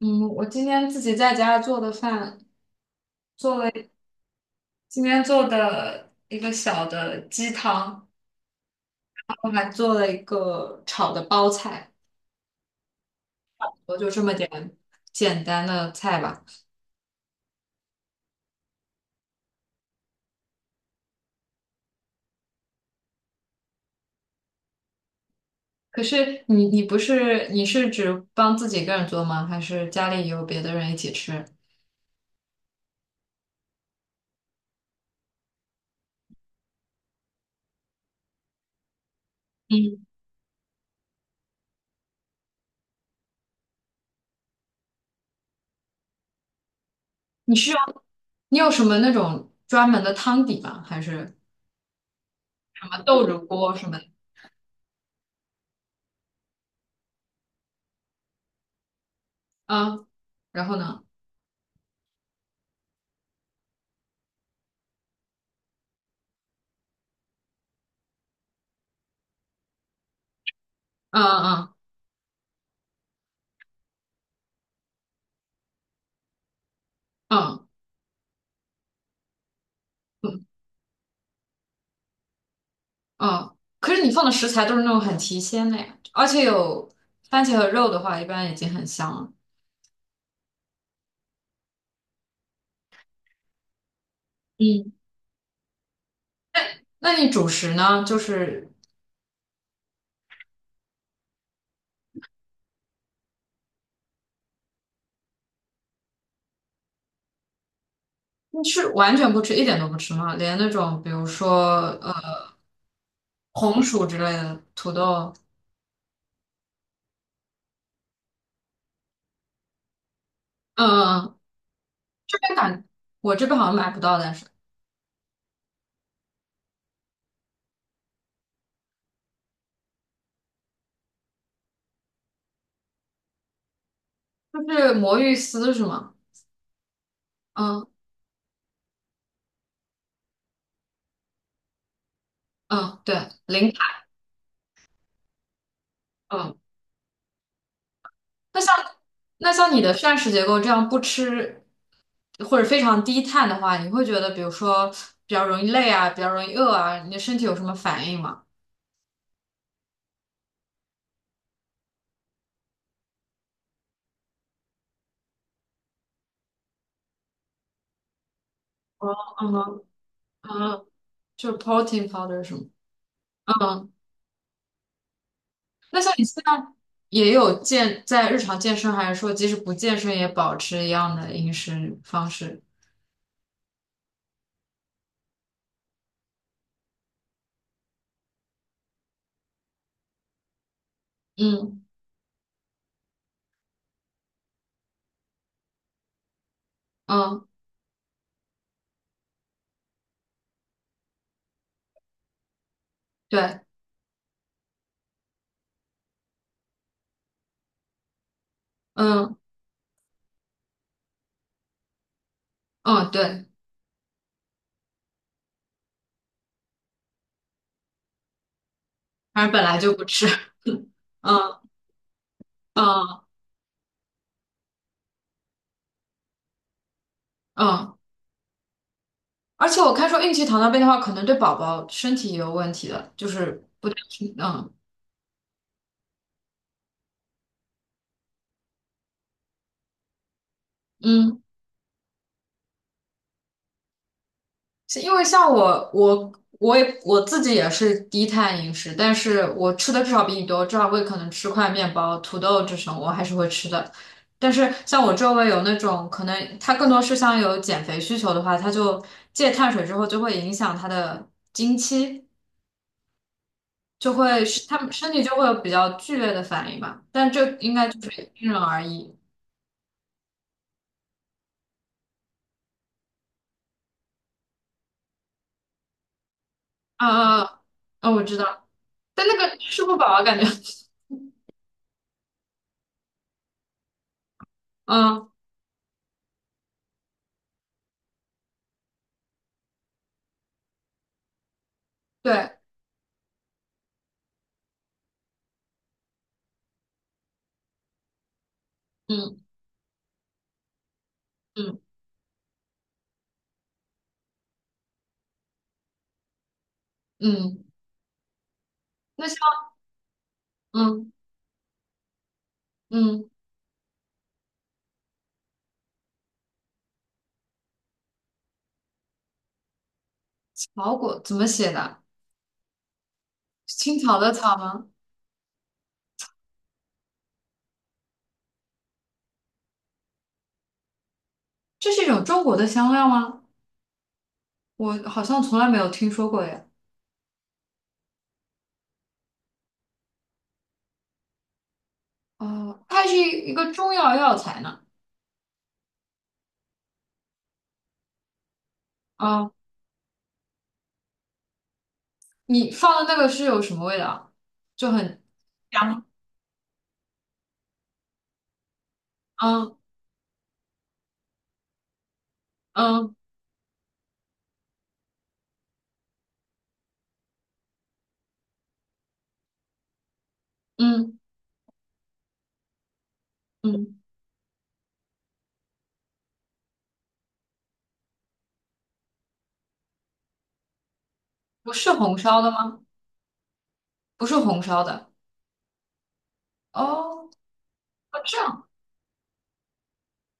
嗯，我今天自己在家做的饭，做了今天做的一个小的鸡汤，然后还做了一个炒的包菜，我就这么点简单的菜吧。可是你不是你是只帮自己一个人做吗？还是家里有别的人一起吃？嗯，你是用你有什么那种专门的汤底吗？还是什么豆乳锅什么的？啊，然后呢？嗯嗯嗯。嗯嗯，可是你放的食材都是那种很提鲜的呀，而且有番茄和肉的话，一般已经很香了。嗯，那你主食呢？你是完全不吃，一点都不吃吗？连那种比如说红薯之类的土豆，嗯嗯，嗯这边感我这边好像买不到，但是就是魔芋丝是吗？嗯嗯，对，零卡。嗯，那像你的膳食结构这样不吃。或者非常低碳的话，你会觉得比如说比较容易累啊，比较容易饿啊，你的身体有什么反应吗？嗯嗯，就是 protein powder 什么？嗯，那像你现在也有健日常健身，还是说即使不健身也保持一样的饮食方式？嗯嗯，对，嗯嗯对，反正本来就不吃，嗯嗯嗯，而且我看说孕期糖尿病的话，可能对宝宝身体也有问题的，就是不太嗯嗯。是因为像我，我我也自己也是低碳饮食，但是我吃的至少比你多，至少我也可能吃块面包、土豆这种，我还是会吃的。但是像我周围有那种可能他更多是像有减肥需求的话，他就戒碳水之后就会影响他的经期，就会是他们身体就会有比较剧烈的反应吧。但这应该就是因人而异。啊啊啊！啊我知道，但那个吃不饱啊，感觉，嗯，对，嗯嗯嗯。那。像。嗯嗯，草果怎么写的？青草的草吗？这是一种中国的香料吗？我好像从来没有听说过耶。哦，它是一个中药药材呢。啊，你放的那个是有什么味道啊？就很香。嗯嗯嗯嗯，不是红烧的吗？不是红烧的。哦，哦这样，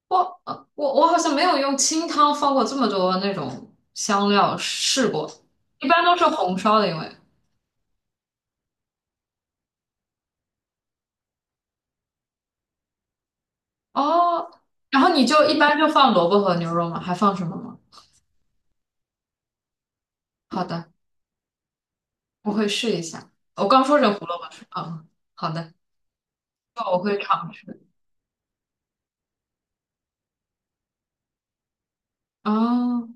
我我好像没有用清汤放过这么多那种香料试过，一般都是红烧的，因为。哦，然后你就一般就放萝卜和牛肉吗？还放什么吗？好的，我会试一下。我刚说成胡萝卜是吧，嗯，好的，那我会尝试。哦，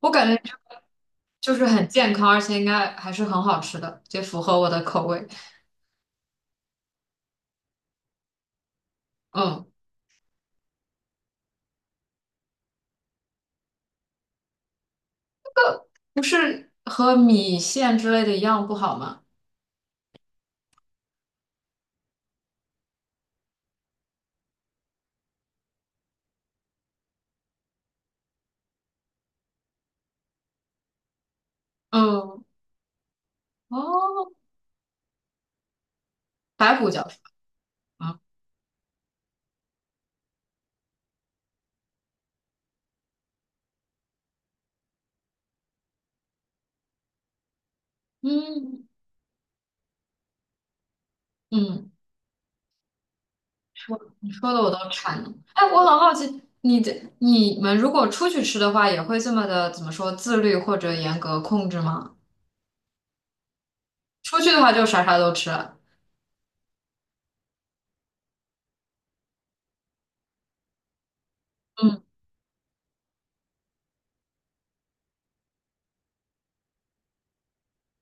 我感觉就是很健康，而且应该还是很好吃的，也符合我的口味。嗯，不是和米线之类的一样不好吗？嗯，哦，白胡椒是吗？嗯嗯。说你说的我都馋了。哎，我很好奇，你们如果出去吃的话，也会这么的怎么说自律或者严格控制吗？出去的话就啥啥都吃。嗯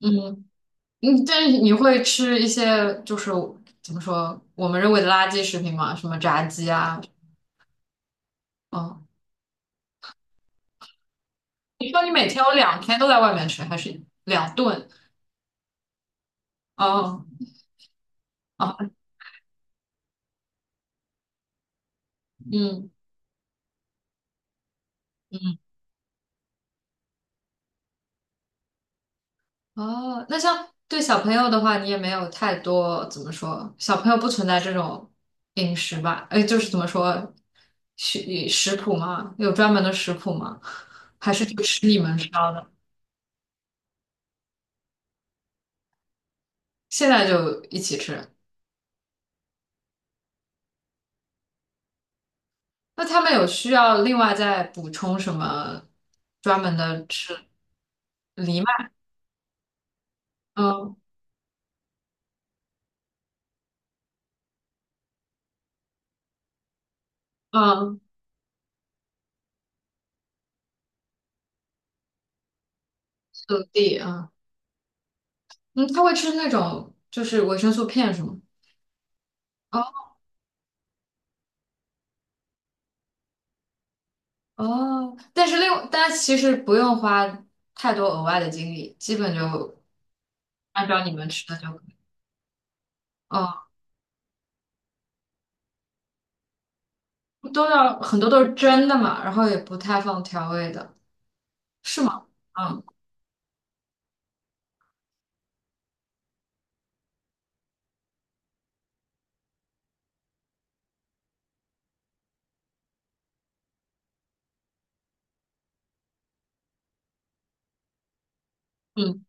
嗯，嗯，但是你会吃一些怎么说我们认为的垃圾食品吗？什么炸鸡啊？哦，你说你每天有两天都在外面吃，还是两顿？哦哦，嗯嗯。哦，那像对小朋友的话，你也没有太多怎么说，小朋友不存在这种饮食吧？哎，就是怎么说，食食谱吗？有专门的食谱吗？还是就吃你们烧的？现在就一起吃？那他们有需要另外再补充什么专门的吃藜麦？嗯嗯，速递嗯嗯，他会吃那种就是维生素片是吗？哦，但是但其实不用花太多额外的精力，基本就按照你们吃的就可以哦，都要很多都是蒸的嘛，然后也不太放调味的，是吗？嗯嗯。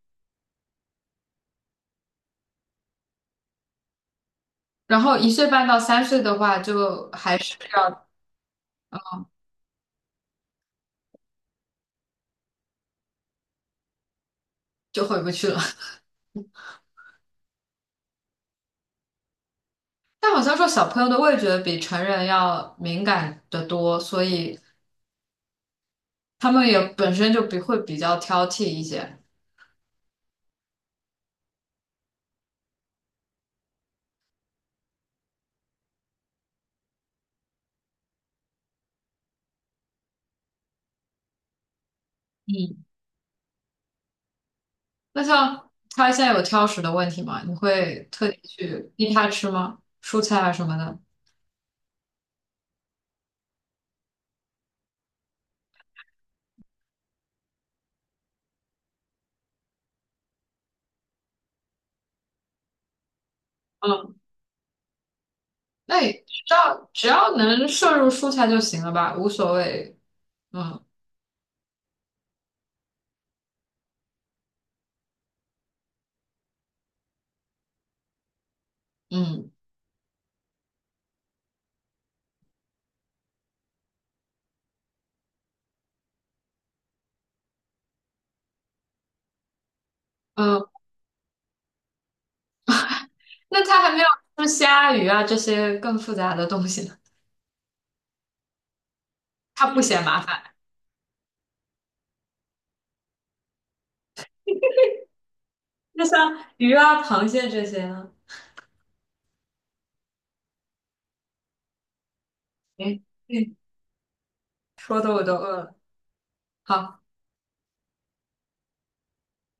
然后一岁半到三岁的话，就还是要就回不去了。但好像说小朋友的味觉比成人要敏感得多，所以他们也本身就比会比较挑剔一些。嗯。那像他现在有挑食的问题吗？你会特地去逼他吃吗？蔬菜啊什么的？嗯，那也只要能摄入蔬菜就行了吧，无所谓。嗯嗯嗯，那他还没有吃虾、鱼啊这些更复杂的东西呢，他不嫌麻烦。那像鱼啊、螃蟹这些呢？哎，嗯，说的我都饿了。好。